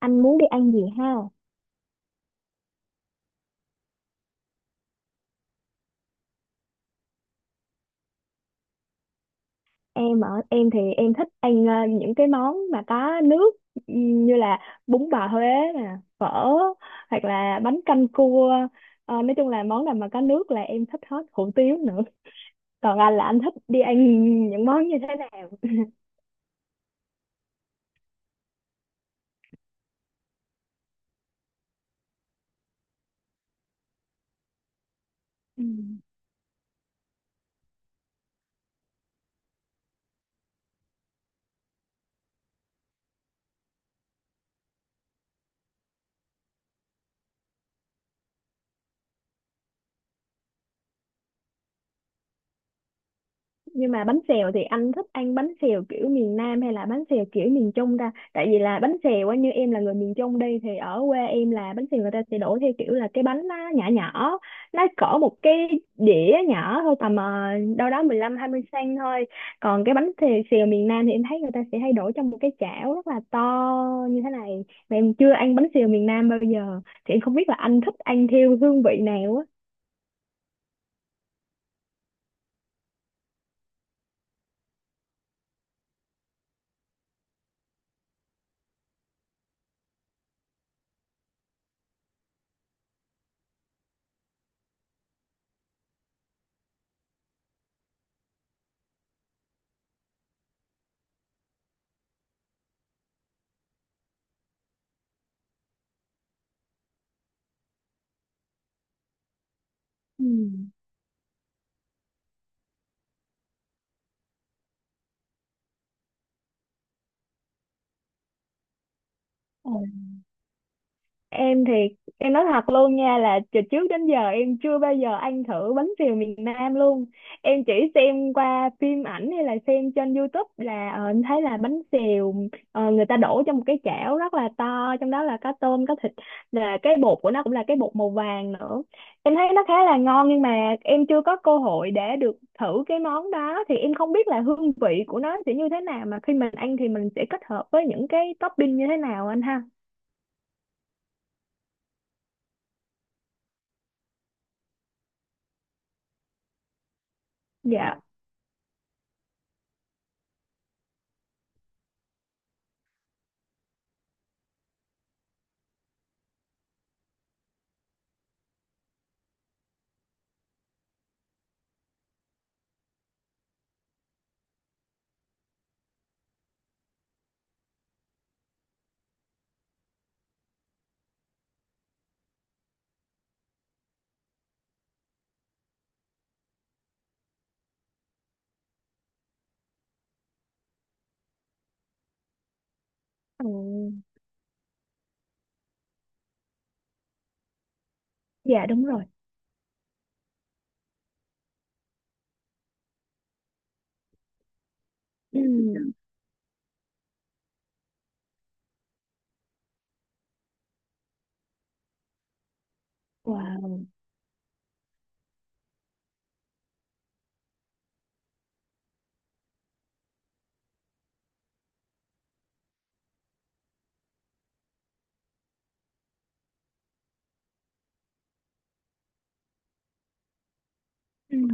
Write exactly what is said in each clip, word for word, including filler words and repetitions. Anh muốn đi ăn gì ha? Em ở em thì em thích ăn ờ, những cái món mà có nước. Ừm, như là bún bò Huế nè, phở, hoặc là bánh canh cua. Ờ, nói chung là món nào mà có nước là em thích hết, hủ tiếu nữa. Còn anh là anh thích đi ăn những món như thế nào? Ừ. Nhưng mà bánh xèo thì anh thích ăn bánh xèo kiểu miền Nam hay là bánh xèo kiểu miền Trung ra? Tại vì là bánh xèo á, như em là người miền Trung đi thì ở quê em là bánh xèo người ta sẽ đổ theo kiểu là cái bánh nó nhỏ nhỏ, nó cỡ một cái đĩa nhỏ thôi, tầm ờ, đâu đó mười lăm hai mươi xăng ti mét thôi. Còn cái bánh xèo, xèo miền Nam thì em thấy người ta sẽ hay đổ trong một cái chảo rất là to như thế này, mà em chưa ăn bánh xèo miền Nam bao giờ thì em không biết là anh thích ăn theo hương vị nào á. Ừ. Em thì em nói thật luôn nha, là từ trước đến giờ em chưa bao giờ ăn thử bánh xèo miền Nam luôn. Em chỉ xem qua phim ảnh hay là xem trên YouTube, là ờ, em thấy là bánh xèo, ờ, người ta đổ trong một cái chảo rất là to, trong đó là có tôm có thịt, là cái bột của nó cũng là cái bột màu vàng nữa. Em thấy nó khá là ngon, nhưng mà em chưa có cơ hội để được thử cái món đó thì em không biết là hương vị của nó sẽ như thế nào, mà khi mình ăn thì mình sẽ kết hợp với những cái topping như thế nào anh ha? Dạ. Ừ. Dạ đúng rồi. Ừm. Wow. Ừm.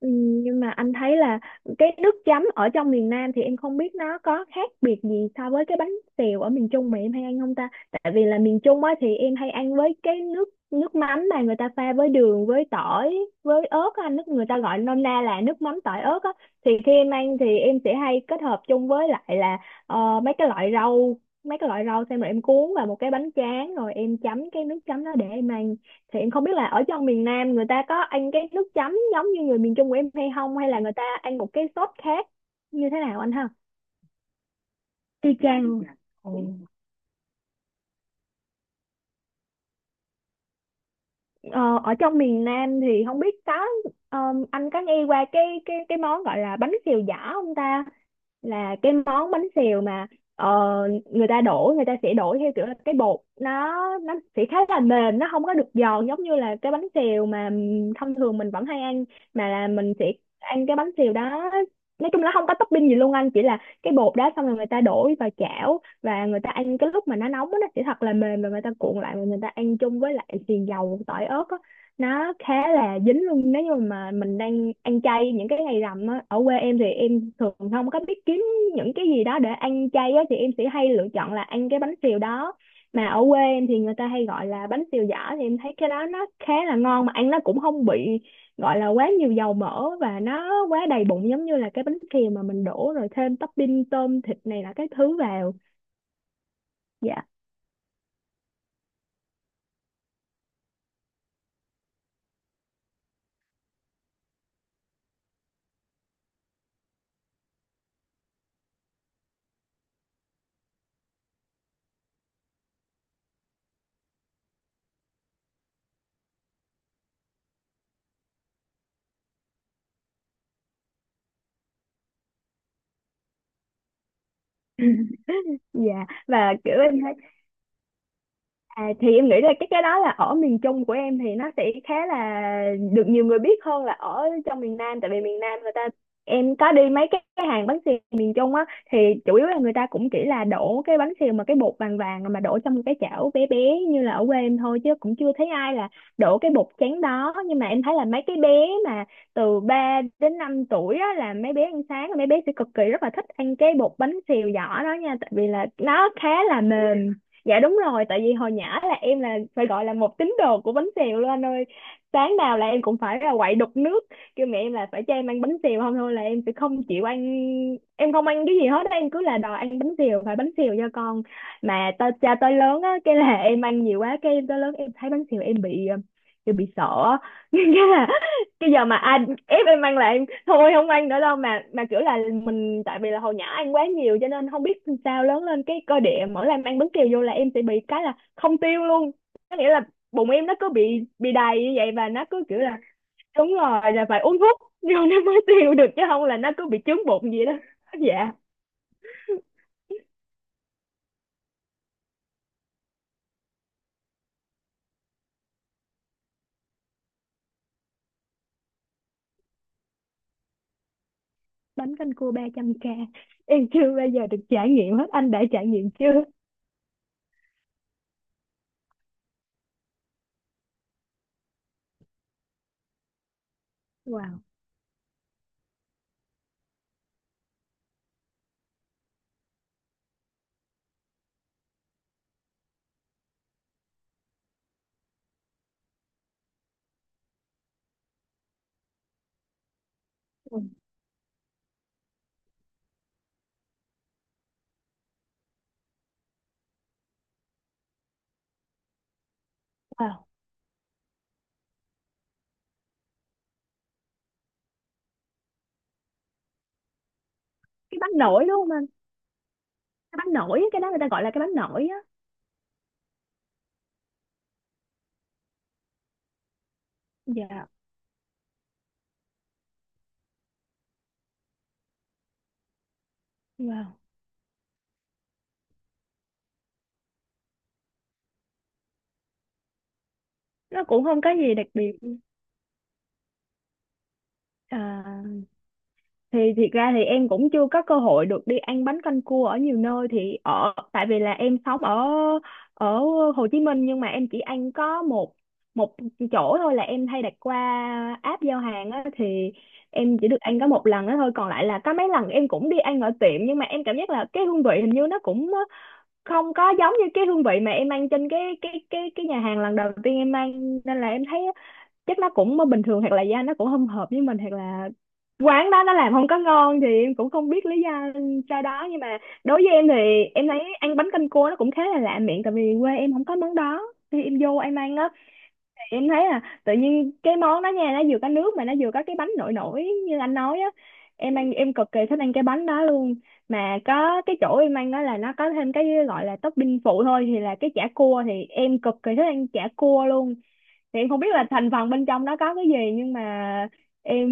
Ừm. Nhưng mà anh thấy là cái nước chấm ở trong miền Nam thì em không biết nó có khác biệt gì so với cái bánh xèo ở miền Trung mà em hay ăn không ta? Tại vì là miền Trung á thì em hay ăn với cái nước nước mắm mà người ta pha với đường, với tỏi, với ớt á, nước người ta gọi nôm na là nước mắm tỏi ớt á. Thì khi em ăn thì em sẽ hay kết hợp chung với lại là ờ, mấy cái loại rau, mấy cái loại rau xem rồi em cuốn vào một cái bánh tráng rồi em chấm cái nước chấm đó để em ăn. Thì em không biết là ở trong miền Nam người ta có ăn cái nước chấm giống như người miền Trung của em hay không, hay là người ta ăn một cái sốt khác như thế nào anh ha? Y chang luôn à. Ồ. ờ, Ở trong miền Nam thì không biết có, ờ, anh có nghe qua cái cái cái món gọi là bánh xèo giỏ không ta? Là cái món bánh xèo mà ờ, người ta đổ người ta sẽ đổ theo kiểu là cái bột nó nó sẽ khá là mềm, nó không có được giòn giống như là cái bánh xèo mà thông thường mình vẫn hay ăn, mà là mình sẽ ăn cái bánh xèo đó. Nói chung là nó không có topping gì luôn anh, chỉ là cái bột đó xong rồi người ta đổ vào chảo và người ta ăn cái lúc mà nó nóng á, nó sẽ thật là mềm và người ta cuộn lại và người ta ăn chung với lại xì dầu tỏi ớt á. Nó khá là dính luôn, nếu như mà mình đang ăn chay những cái ngày rằm á, ở quê em thì em thường không có biết kiếm những cái gì đó để ăn chay á, thì em sẽ hay lựa chọn là ăn cái bánh xèo đó, mà ở quê em thì người ta hay gọi là bánh xèo giỏ. Thì em thấy cái đó nó khá là ngon, mà ăn nó cũng không bị gọi là quá nhiều dầu mỡ và nó quá đầy bụng giống như là cái bánh xèo mà mình đổ rồi thêm topping tôm thịt này là cái thứ vào. Dạ. Dạ. Và kiểu em, à, thì em nghĩ là cái cái đó là ở miền Trung của em thì nó sẽ khá là được nhiều người biết hơn là ở trong miền Nam, tại vì miền Nam người ta, em có đi mấy cái, cái hàng bánh xèo miền Trung á, thì chủ yếu là người ta cũng chỉ là đổ cái bánh xèo mà cái bột vàng vàng mà đổ trong cái chảo bé bé như là ở quê em thôi, chứ cũng chưa thấy ai là đổ cái bột trắng đó. Nhưng mà em thấy là mấy cái bé mà từ ba đến năm tuổi á là mấy bé ăn sáng, mấy bé sẽ cực kỳ rất là thích ăn cái bột bánh xèo giỏ đó nha, tại vì là nó khá là mềm. Dạ đúng rồi, tại vì hồi nhỏ là em là phải gọi là một tín đồ của bánh xèo luôn anh ơi. Sáng nào là em cũng phải là quậy đục nước, kêu mẹ em là phải cho em ăn bánh xèo, không thôi là em sẽ không chịu ăn, em không ăn cái gì hết, á, em cứ là đòi ăn bánh xèo, phải bánh xèo cho con. Mà tới cha tới lớn á, cái là em ăn nhiều quá, cái em tới lớn em thấy bánh xèo em bị ờ, kiểu bị sợ á. Cái giờ mà anh ép em ăn là em thôi không ăn nữa đâu, mà mà kiểu là mình, tại vì là hồi nhỏ ăn quá nhiều cho nên không biết sao lớn lên cái cơ địa mỗi lần ăn bánh kẹo vô là em sẽ bị cái là không tiêu luôn. Có nghĩa là bụng em nó cứ bị bị đầy như vậy, và nó cứ kiểu là, đúng rồi, là phải uống thuốc vô nó mới tiêu được, chứ không là nó cứ bị chướng bụng vậy đó. Dạ. Bánh canh cua ba trăm k, em chưa bao giờ được trải nghiệm hết, anh đã trải nghiệm chưa? Wow. Ừ. Wow. Cái bánh nổi đúng không anh? Cái bánh nổi, cái đó người ta gọi là cái bánh nổi á. Dạ. Wow. Nó cũng không có gì đặc biệt. À, thì thiệt ra thì em cũng chưa có cơ hội được đi ăn bánh canh cua ở nhiều nơi, thì ở tại vì là em sống ở ở Hồ Chí Minh, nhưng mà em chỉ ăn có một một chỗ thôi, là em hay đặt qua app giao hàng á. Thì em chỉ được ăn có một lần đó thôi, còn lại là có mấy lần em cũng đi ăn ở tiệm nhưng mà em cảm giác là cái hương vị hình như nó cũng không có giống như cái hương vị mà em ăn trên cái cái cái cái nhà hàng lần đầu tiên em ăn, nên là em thấy chắc nó cũng bình thường, hoặc là da nó cũng không hợp với mình, hoặc là quán đó nó làm không có ngon, thì em cũng không biết lý do cho đó. Nhưng mà đối với em thì em thấy ăn bánh canh cua nó cũng khá là lạ miệng, tại vì quê em không có món đó. Khi em vô em ăn á, thì em thấy là tự nhiên cái món đó nha, nó vừa có nước mà nó vừa có cái bánh nổi nổi như anh nói á, em ăn em cực kỳ thích ăn cái bánh đó luôn. Mà có cái chỗ em ăn đó là nó có thêm cái gọi là topping phụ thôi, thì là cái chả cua, thì em cực kỳ thích ăn chả cua luôn. Thì em không biết là thành phần bên trong đó có cái gì, nhưng mà em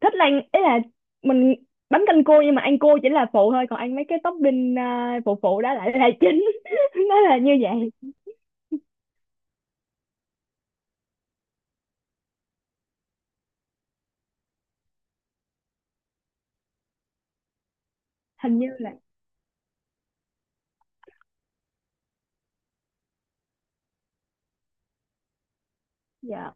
thích là, ý là mình bánh canh cua nhưng mà ăn cua chỉ là phụ thôi, còn ăn mấy cái topping à, phụ phụ đó lại là chính. Nó là như vậy. Hình như là. Dạ.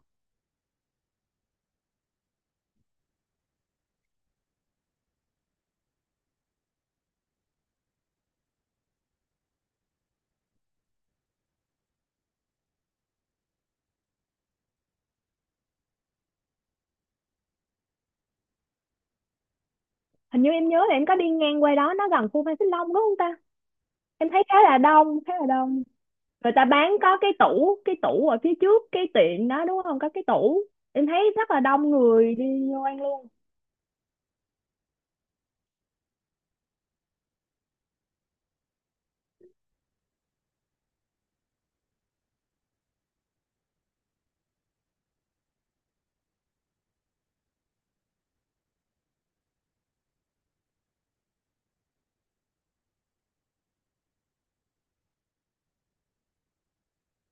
Hình như em nhớ là em có đi ngang qua đó, nó gần khu Phan Xích Long đúng không ta? Em thấy khá là đông, khá là đông. Người ta bán có cái tủ, cái tủ ở phía trước cái tiệm đó đúng không, có cái tủ, em thấy rất là đông người đi vô ăn luôn.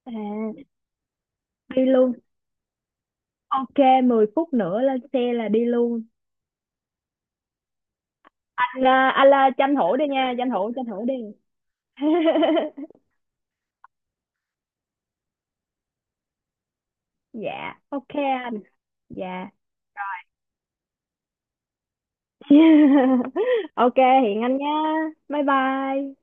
À. Đi luôn. OK. Mười phút nữa lên xe là đi luôn. Là anh là tranh thủ đi nha, tranh thủ tranh thủ đi. Dạ. OK. Anh. Dạ. OK. Hiện anh nhá. Bye bye.